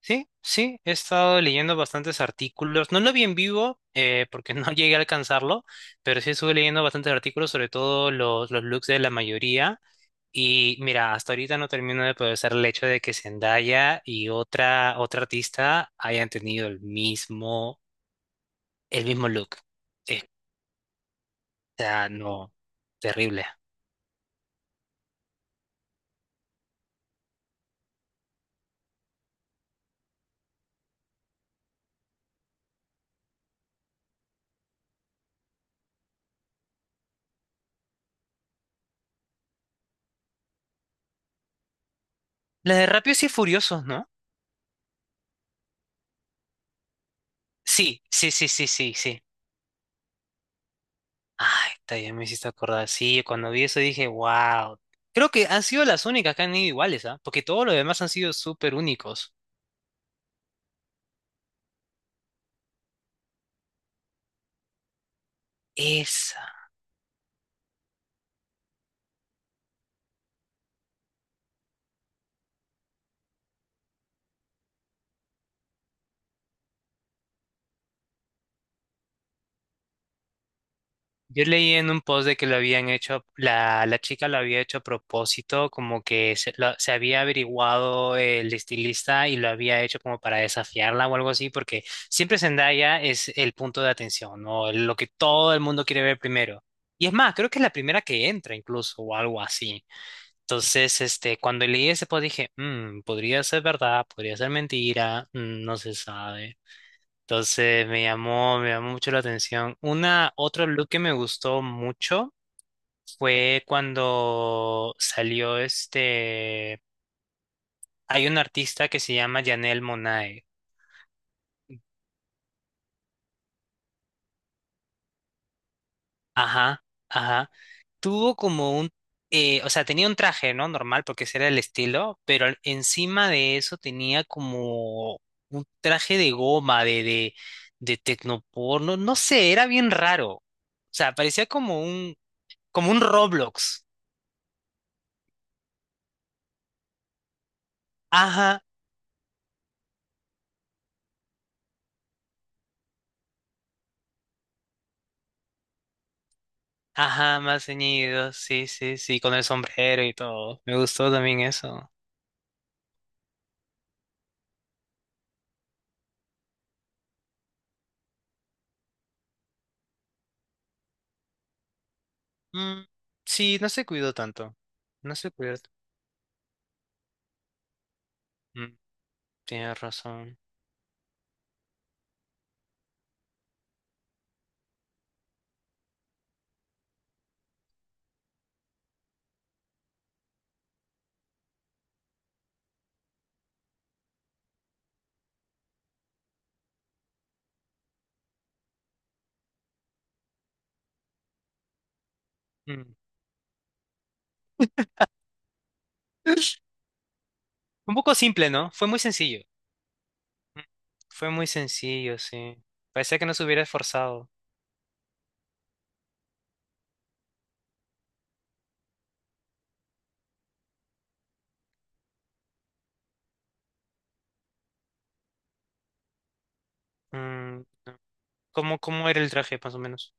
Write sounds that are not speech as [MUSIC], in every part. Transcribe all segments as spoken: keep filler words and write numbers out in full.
Sí, sí, he estado leyendo bastantes artículos. No lo vi en vivo eh, porque no [LAUGHS] llegué a alcanzarlo, pero sí estuve leyendo bastantes artículos, sobre todo los, los looks de la mayoría. Y mira, hasta ahorita no termino de procesar el hecho de que Zendaya y otra, otra artista hayan tenido el mismo, el mismo look. Eh, O sea, no, terrible. La de Rápidos y Furiosos, ¿no? Sí, sí, sí, sí, sí, sí. Ay, está, ya me hiciste acordar. Sí, cuando vi eso dije, wow. Creo que han sido las únicas que han ido iguales, ¿ah? Porque todos los demás han sido súper únicos. Esa. Yo leí en un post de que lo habían hecho, la, la chica lo había hecho a propósito, como que se, lo- se había averiguado el estilista y lo había hecho como para desafiarla o algo así, porque siempre Zendaya es el punto de atención, ¿no? Lo que todo el mundo quiere ver primero. Y es más, creo que es la primera que entra incluso o algo así. Entonces, este, cuando leí ese post dije, "Mm, podría ser verdad, podría ser mentira, mm, no se sabe. Entonces me llamó, me llamó mucho la atención. Una, otro look que me gustó mucho fue cuando salió este, hay un artista que se llama Janelle Monáe. Ajá, ajá. Tuvo como un, eh, o sea, tenía un traje, ¿no? Normal, porque ese era el estilo, pero al- encima de eso tenía como un traje de goma, de, de, de tecnoporno, no sé, era bien raro. O sea, parecía como un, como un Roblox. Ajá, ajá, más ceñido, sí, sí, sí, con el sombrero y todo. Me gustó también eso. Mm, sí, no se cuidó tanto. No se cuidó. t- Mm, tienes razón. Mm. [LAUGHS] Un poco simple, ¿no? Fue muy sencillo. Fue muy sencillo, sí. Parecía que no se hubiera esforzado. Mm, ¿cómo, cómo era el traje, más o menos?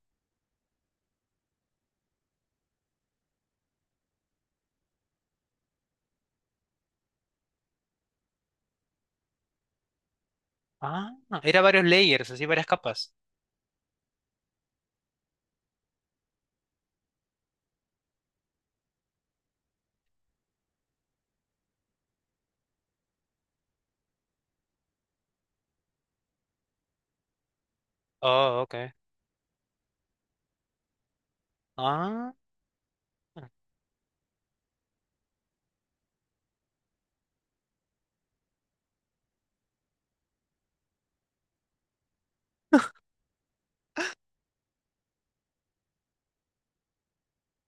Ah, era varios layers, así varias capas. Oh, ok. Ah,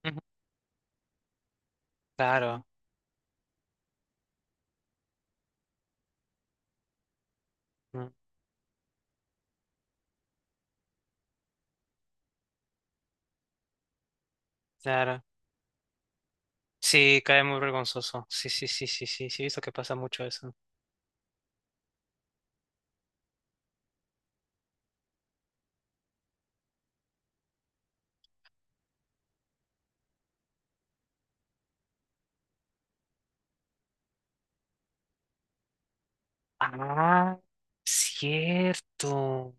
ujú, claro, mm, claro. Sí, cae muy vergonzoso. Sí, sí, sí, sí, sí, sí, he visto que pasa mucho eso. Ah, cierto.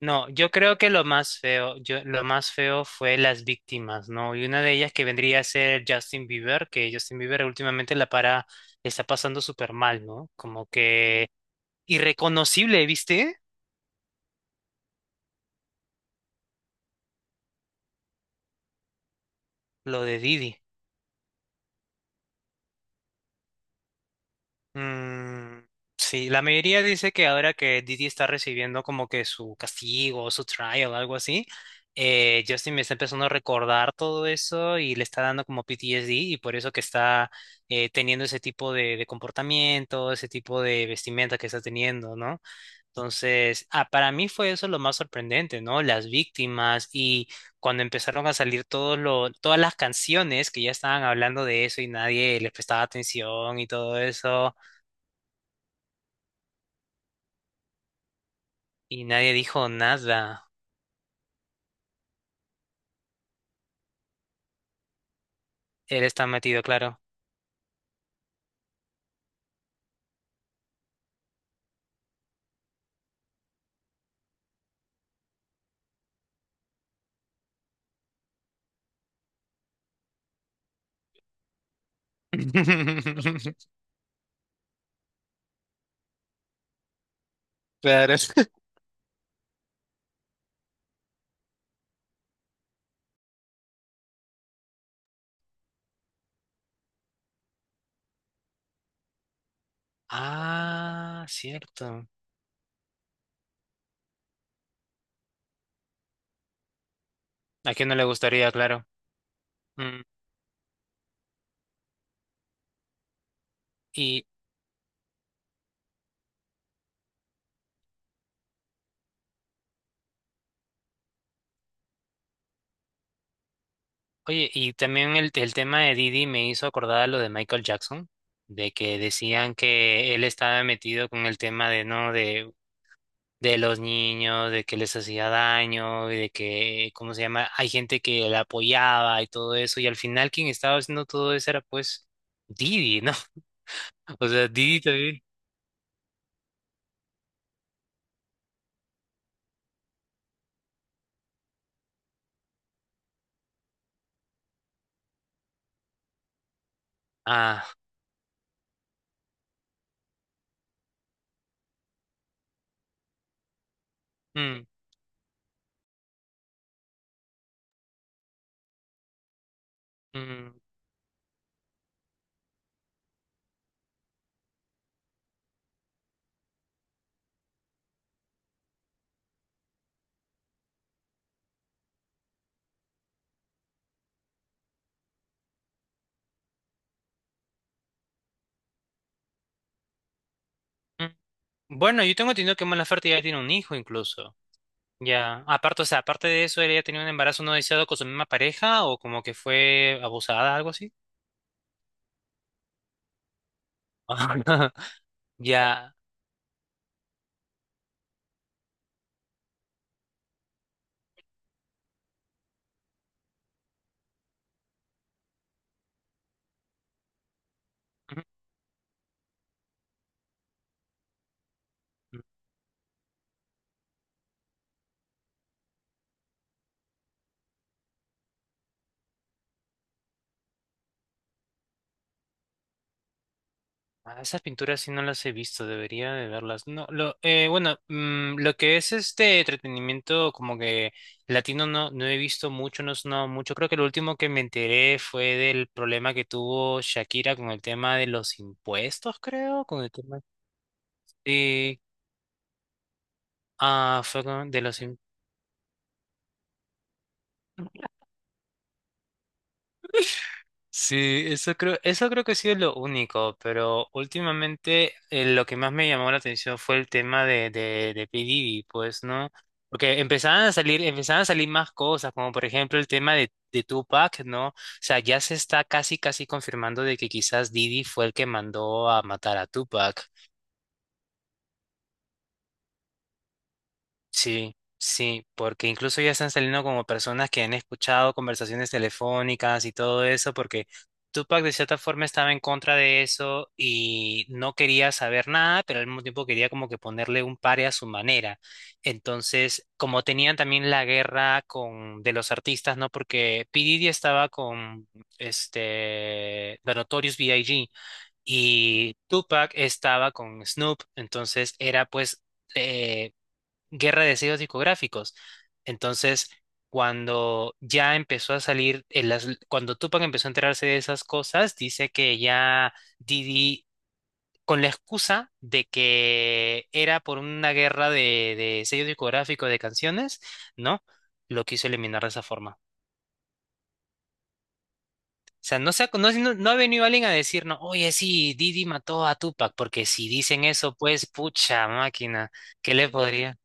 No, yo creo que lo más feo, yo, lo más feo fue las víctimas, ¿no? Y una de ellas que vendría a ser Justin Bieber, que Justin Bieber últimamente la para, le está pasando súper mal, ¿no? Como que irreconocible, ¿viste? Lo de Didi. Mm, sí, la mayoría dice que ahora que Didi está recibiendo como que su castigo, su trial, algo así, eh, Justin me está empezando a recordar todo eso y le está dando como P T S D y por eso que está eh, teniendo ese tipo de, de comportamiento, ese tipo de vestimenta que está teniendo, ¿no? Entonces, ah, para mí fue eso lo más sorprendente, ¿no? Las víctimas y cuando empezaron a salir todos lo- todas las canciones que ya estaban hablando de eso y nadie les prestaba atención y todo eso. Y nadie dijo nada. Él está metido, claro. [LAUGHS] Claro. Ah, cierto. ¿A quién no le gustaría, claro? Mm. Y oye, y también el, el tema de Didi me hizo acordar a lo de Michael Jackson, de que decían que él estaba metido con el tema de, ¿no? De, de los niños, de que les hacía daño, y de que, ¿cómo se llama? Hay gente que la apoyaba y todo eso, y al final quien estaba haciendo todo eso era pues Didi, ¿no? [LAUGHS] O sea, Didi también. Ah, mm, mm, mm. Bueno, yo tengo entendido que Mala ya tiene un hijo incluso. Ya, aparte, o sea, aparte de eso, ¿ella tenía un embarazo no deseado con su misma pareja o como que fue abusada, algo así? [LAUGHS] Ya. Mm, ah, esas pinturas sí no las he visto, debería de verlas. No, lo, eh, bueno, mm, lo que es este entretenimiento como que latino no, no he visto mucho, no es no mucho. Creo que lo último que me enteré fue del problema que tuvo Shakira con el tema de los impuestos, creo, con el tema. Sí, ah, fue con- de los... Sim- Sí, eso creo, eso creo que ha sido lo único, pero últimamente eh, lo que más me llamó la atención fue el tema de, de, de P. Diddy, pues, ¿no? Porque empezaban a salir, empezaban a salir más cosas, como por ejemplo el tema de, de Tupac, ¿no? O sea, ya se está casi, casi confirmando de que quizás Diddy fue el que mandó a matar a Tupac. Sí, sí, porque incluso ya están saliendo como personas que han escuchado conversaciones telefónicas y todo eso, porque Tupac de cierta forma estaba en contra de eso y no quería saber nada, pero al mismo tiempo quería como que ponerle un pare a su manera. Entonces, como tenían también la guerra con de los artistas, ¿no? Porque P. Diddy estaba con este The Notorious B I G y Tupac estaba con Snoop, entonces era pues eh, guerra de sellos discográficos. Entonces, cuando ya empezó a salir, en las- cuando Tupac empezó a enterarse de esas cosas, dice que ya Didi, con la excusa de que era por una guerra de, de sellos discográficos de canciones, ¿no? Lo quiso eliminar de esa forma. O sea, no, se ha- no, no- no ha venido alguien a decirnos, oye, sí, Didi mató a Tupac, porque si dicen eso, pues, pucha máquina, ¿qué le podría?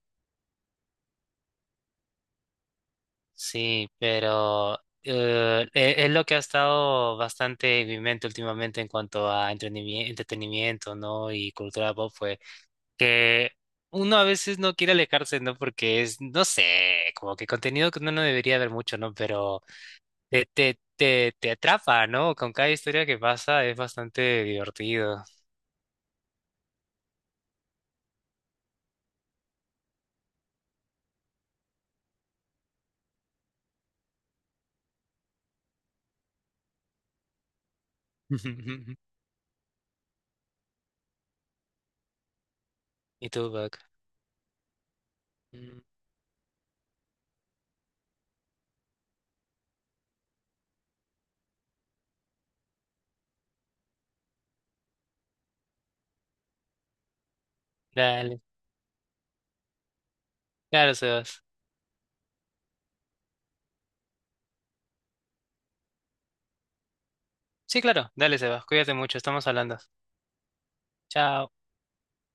Sí, pero eh, e- es lo que ha estado bastante en mi mente últimamente en cuanto a entrenimi- entretenimiento, ¿no? Y cultura pop fue que uno a veces no quiere alejarse, ¿no? Porque es, no sé, como que contenido que uno no debería ver mucho, ¿no? Pero te, te, te, te atrapa, ¿no? Con cada historia que pasa es bastante divertido. [LAUGHS] ¿Y tú, Buck? Mm. Dale. Claro, Sebas. Sí, claro. Dale, Sebas. Cuídate mucho. Estamos hablando. Chao.